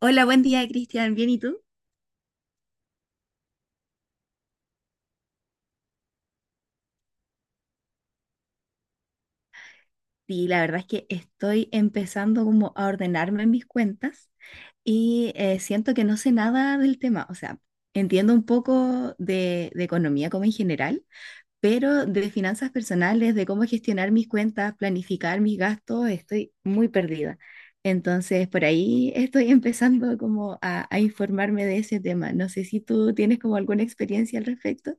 Hola, buen día, Cristian. ¿Bien y tú? Sí, la verdad es que estoy empezando como a ordenarme en mis cuentas y siento que no sé nada del tema. O sea, entiendo un poco de economía como en general, pero de finanzas personales, de cómo gestionar mis cuentas, planificar mis gastos, estoy muy perdida. Entonces, por ahí estoy empezando como a informarme de ese tema. No sé si tú tienes como alguna experiencia al respecto.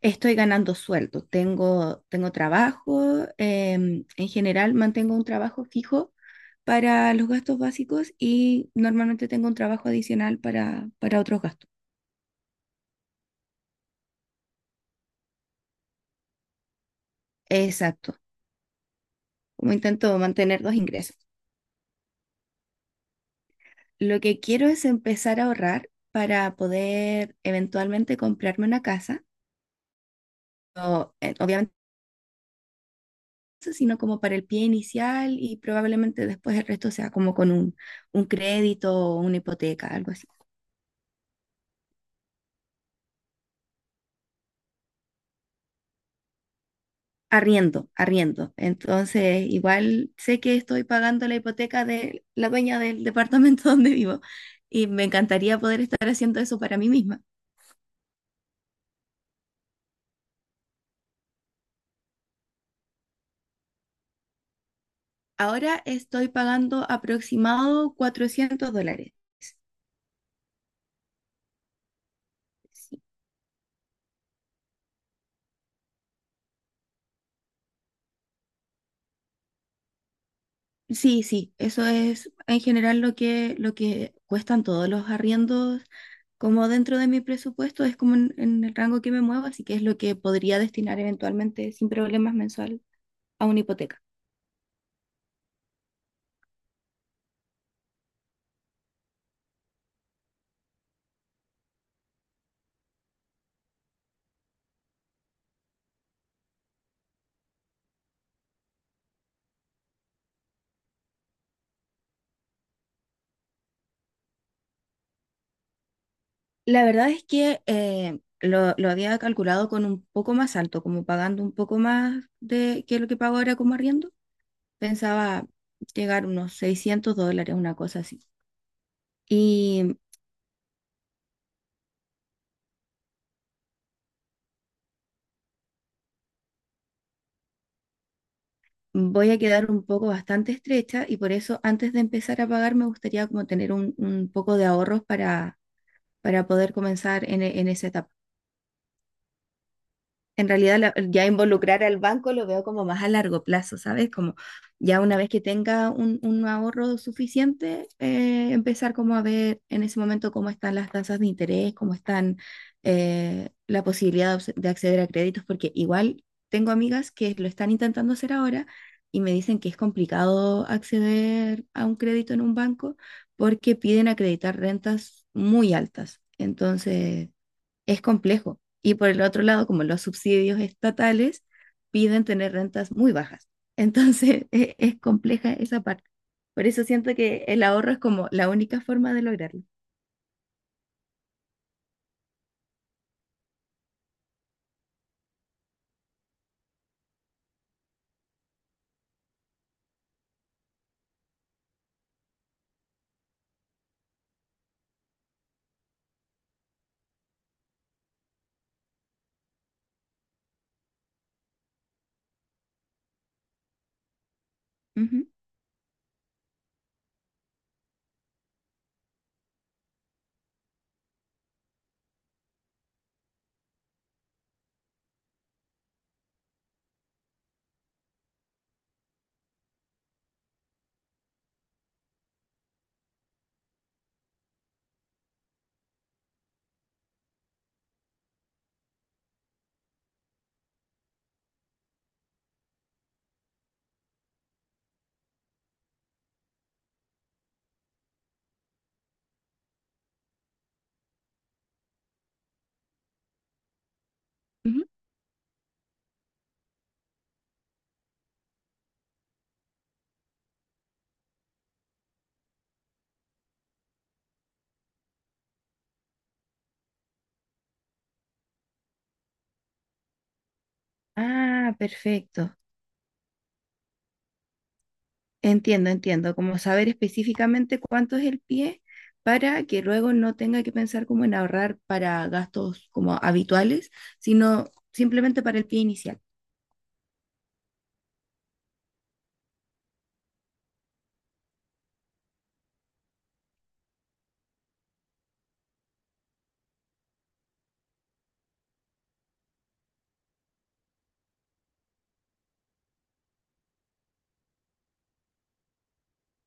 Estoy ganando sueldo, tengo trabajo, en general mantengo un trabajo fijo para los gastos básicos y normalmente tengo un trabajo adicional para otros gastos. Exacto, como intento mantener dos ingresos. Lo que quiero es empezar a ahorrar para poder eventualmente comprarme una casa, o, obviamente, eso, sino como para el pie inicial y probablemente después el resto sea como con un crédito o una hipoteca, algo así. Arriendo, arriendo. Entonces, igual sé que estoy pagando la hipoteca de la dueña del departamento donde vivo y me encantaría poder estar haciendo eso para mí misma. Ahora estoy pagando aproximado $400. Sí, sí, sí, eso es en general lo que cuestan todos los arriendos, como dentro de mi presupuesto, es como en el rango que me muevo, así que es lo que podría destinar eventualmente sin problemas mensual a una hipoteca. La verdad es que lo había calculado con un poco más alto, como pagando un poco más de que lo que pago ahora como arriendo. Pensaba llegar unos $600, una cosa así. Y Voy a quedar un poco bastante estrecha y por eso antes de empezar a pagar me gustaría como tener un poco de ahorros para poder comenzar en, en esa etapa. En realidad la- ya involucrar al banco lo veo como más a largo plazo, ¿sabes? Como ya una vez que tenga un ahorro suficiente, empezar como a ver en ese momento cómo están las tasas de interés, cómo están la posibilidad de de acceder a créditos, porque igual tengo amigas que lo están intentando hacer ahora y me dicen que es complicado acceder a un crédito en un banco porque piden acreditar rentas muy altas. Entonces es complejo. Y por el otro lado, como los subsidios estatales piden tener rentas muy bajas. Entonces, es, compleja esa parte. Por eso siento que el ahorro es como la única forma de lograrlo. Ujú, ujú. Ah, perfecto. Entiendo, entiendo. Como saber específicamente cuánto es el pie para que luego no tenga que pensar como en ahorrar para gastos como habituales, sino simplemente para el pie inicial.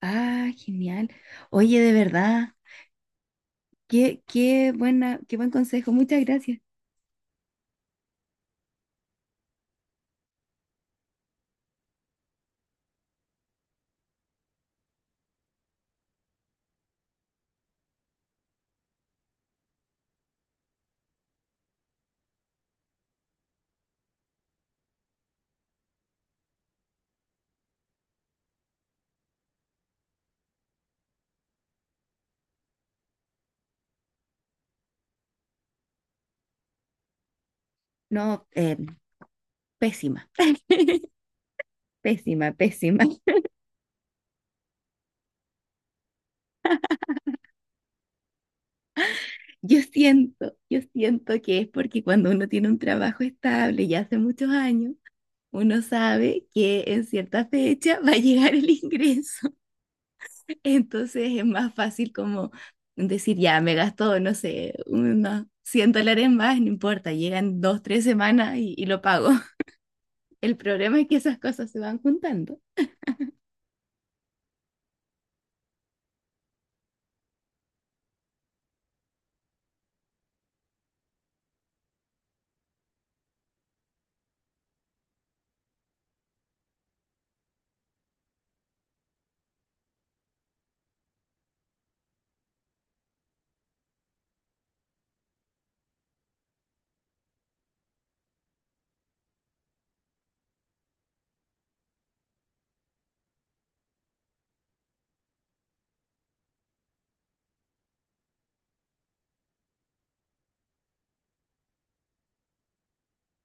Ah, genial. Oye, de verdad. Qué, qué buena, qué buen consejo. Muchas gracias. No, pésima. Pésima, pésima. Yo siento que es porque cuando uno tiene un trabajo estable y hace muchos años, uno sabe que en cierta fecha va a llegar el ingreso. Entonces es más fácil como decir, ya, me gastó, no sé, unos $100 más, no importa, llegan dos, tres semanas y lo pago. El problema es que esas cosas se van juntando.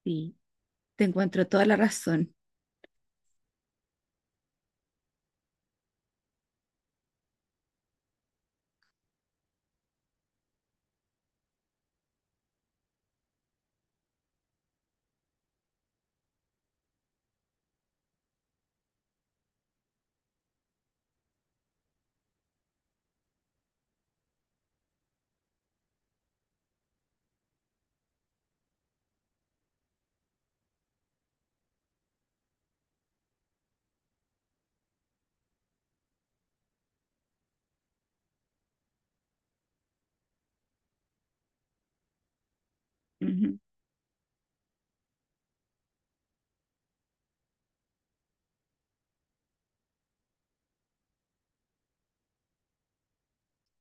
Sí, te encuentro toda la razón. Ujú.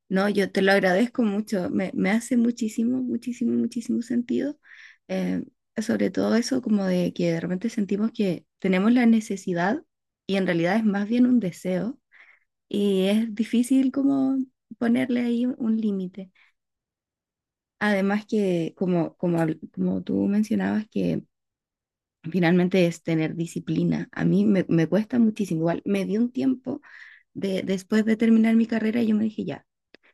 No, yo te lo agradezco mucho, me hace muchísimo, muchísimo, muchísimo sentido, eh, sobre todo eso como de que de repente sentimos que tenemos la necesidad y en realidad es más bien un deseo y es difícil como ponerle ahí un, límite. Además que como tú mencionabas que finalmente es tener disciplina, a mí me cuesta muchísimo, igual me di un tiempo de, después de terminar mi carrera y yo me dije ya.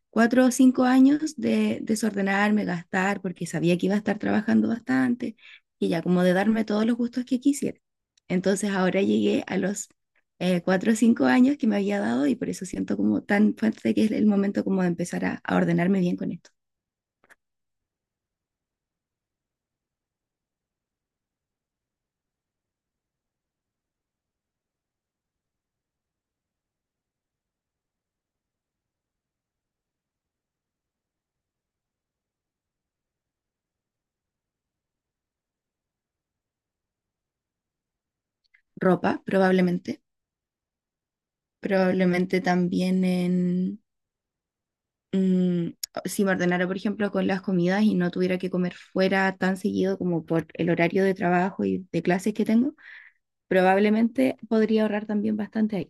Cuatro o cinco años de desordenarme, gastar, porque sabía que iba a estar trabajando bastante y ya como de darme todos los gustos que quisiera. Entonces ahora llegué a los cuatro o cinco años que me había dado y por eso siento como tan fuerte que es el momento como de empezar a ordenarme bien con esto. Ropa, probablemente. Probablemente también en... mm, si me ordenara, por ejemplo, con las comidas y no tuviera que comer fuera tan seguido como por el horario de trabajo y de clases que tengo, probablemente podría ahorrar también bastante ahí.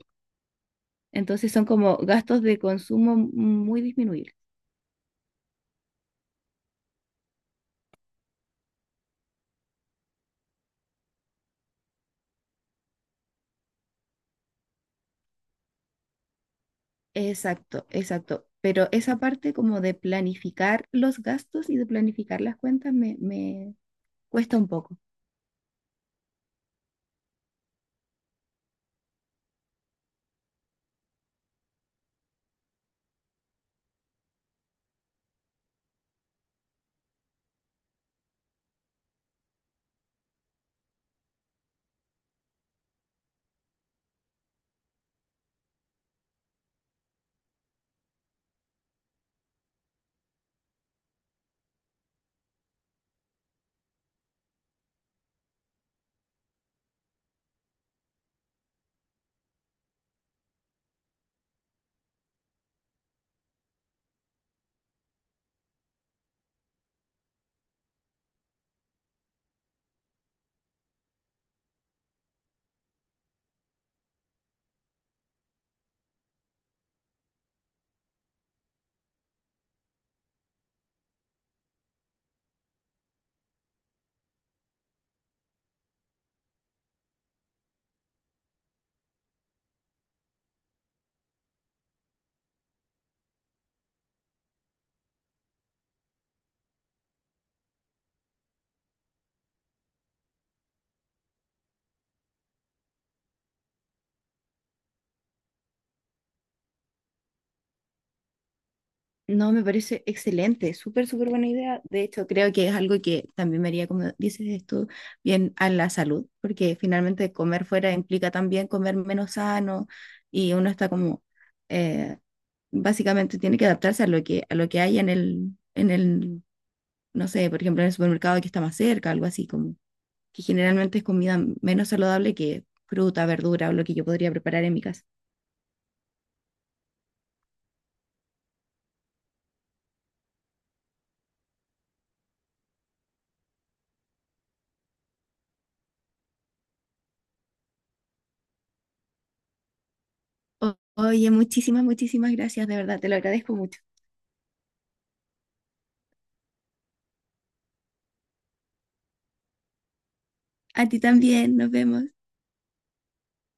Entonces son como gastos de consumo muy disminuibles. Exacto, exacto. Pero esa parte como de planificar los gastos y de planificar las cuentas me cuesta un poco. No, me parece excelente, súper, súper buena idea. De hecho, creo que es algo que también me haría, como dices tú, bien a la salud, porque finalmente comer fuera implica también comer menos sano y uno está como eh, básicamente tiene que adaptarse a lo que hay en el, no sé, por ejemplo, en el supermercado que está más cerca, algo así, como que generalmente es comida menos saludable que fruta, verdura o lo que yo podría preparar en mi casa. Oye, muchísimas, muchísimas gracias, de verdad, te lo agradezco mucho. A ti también, nos vemos.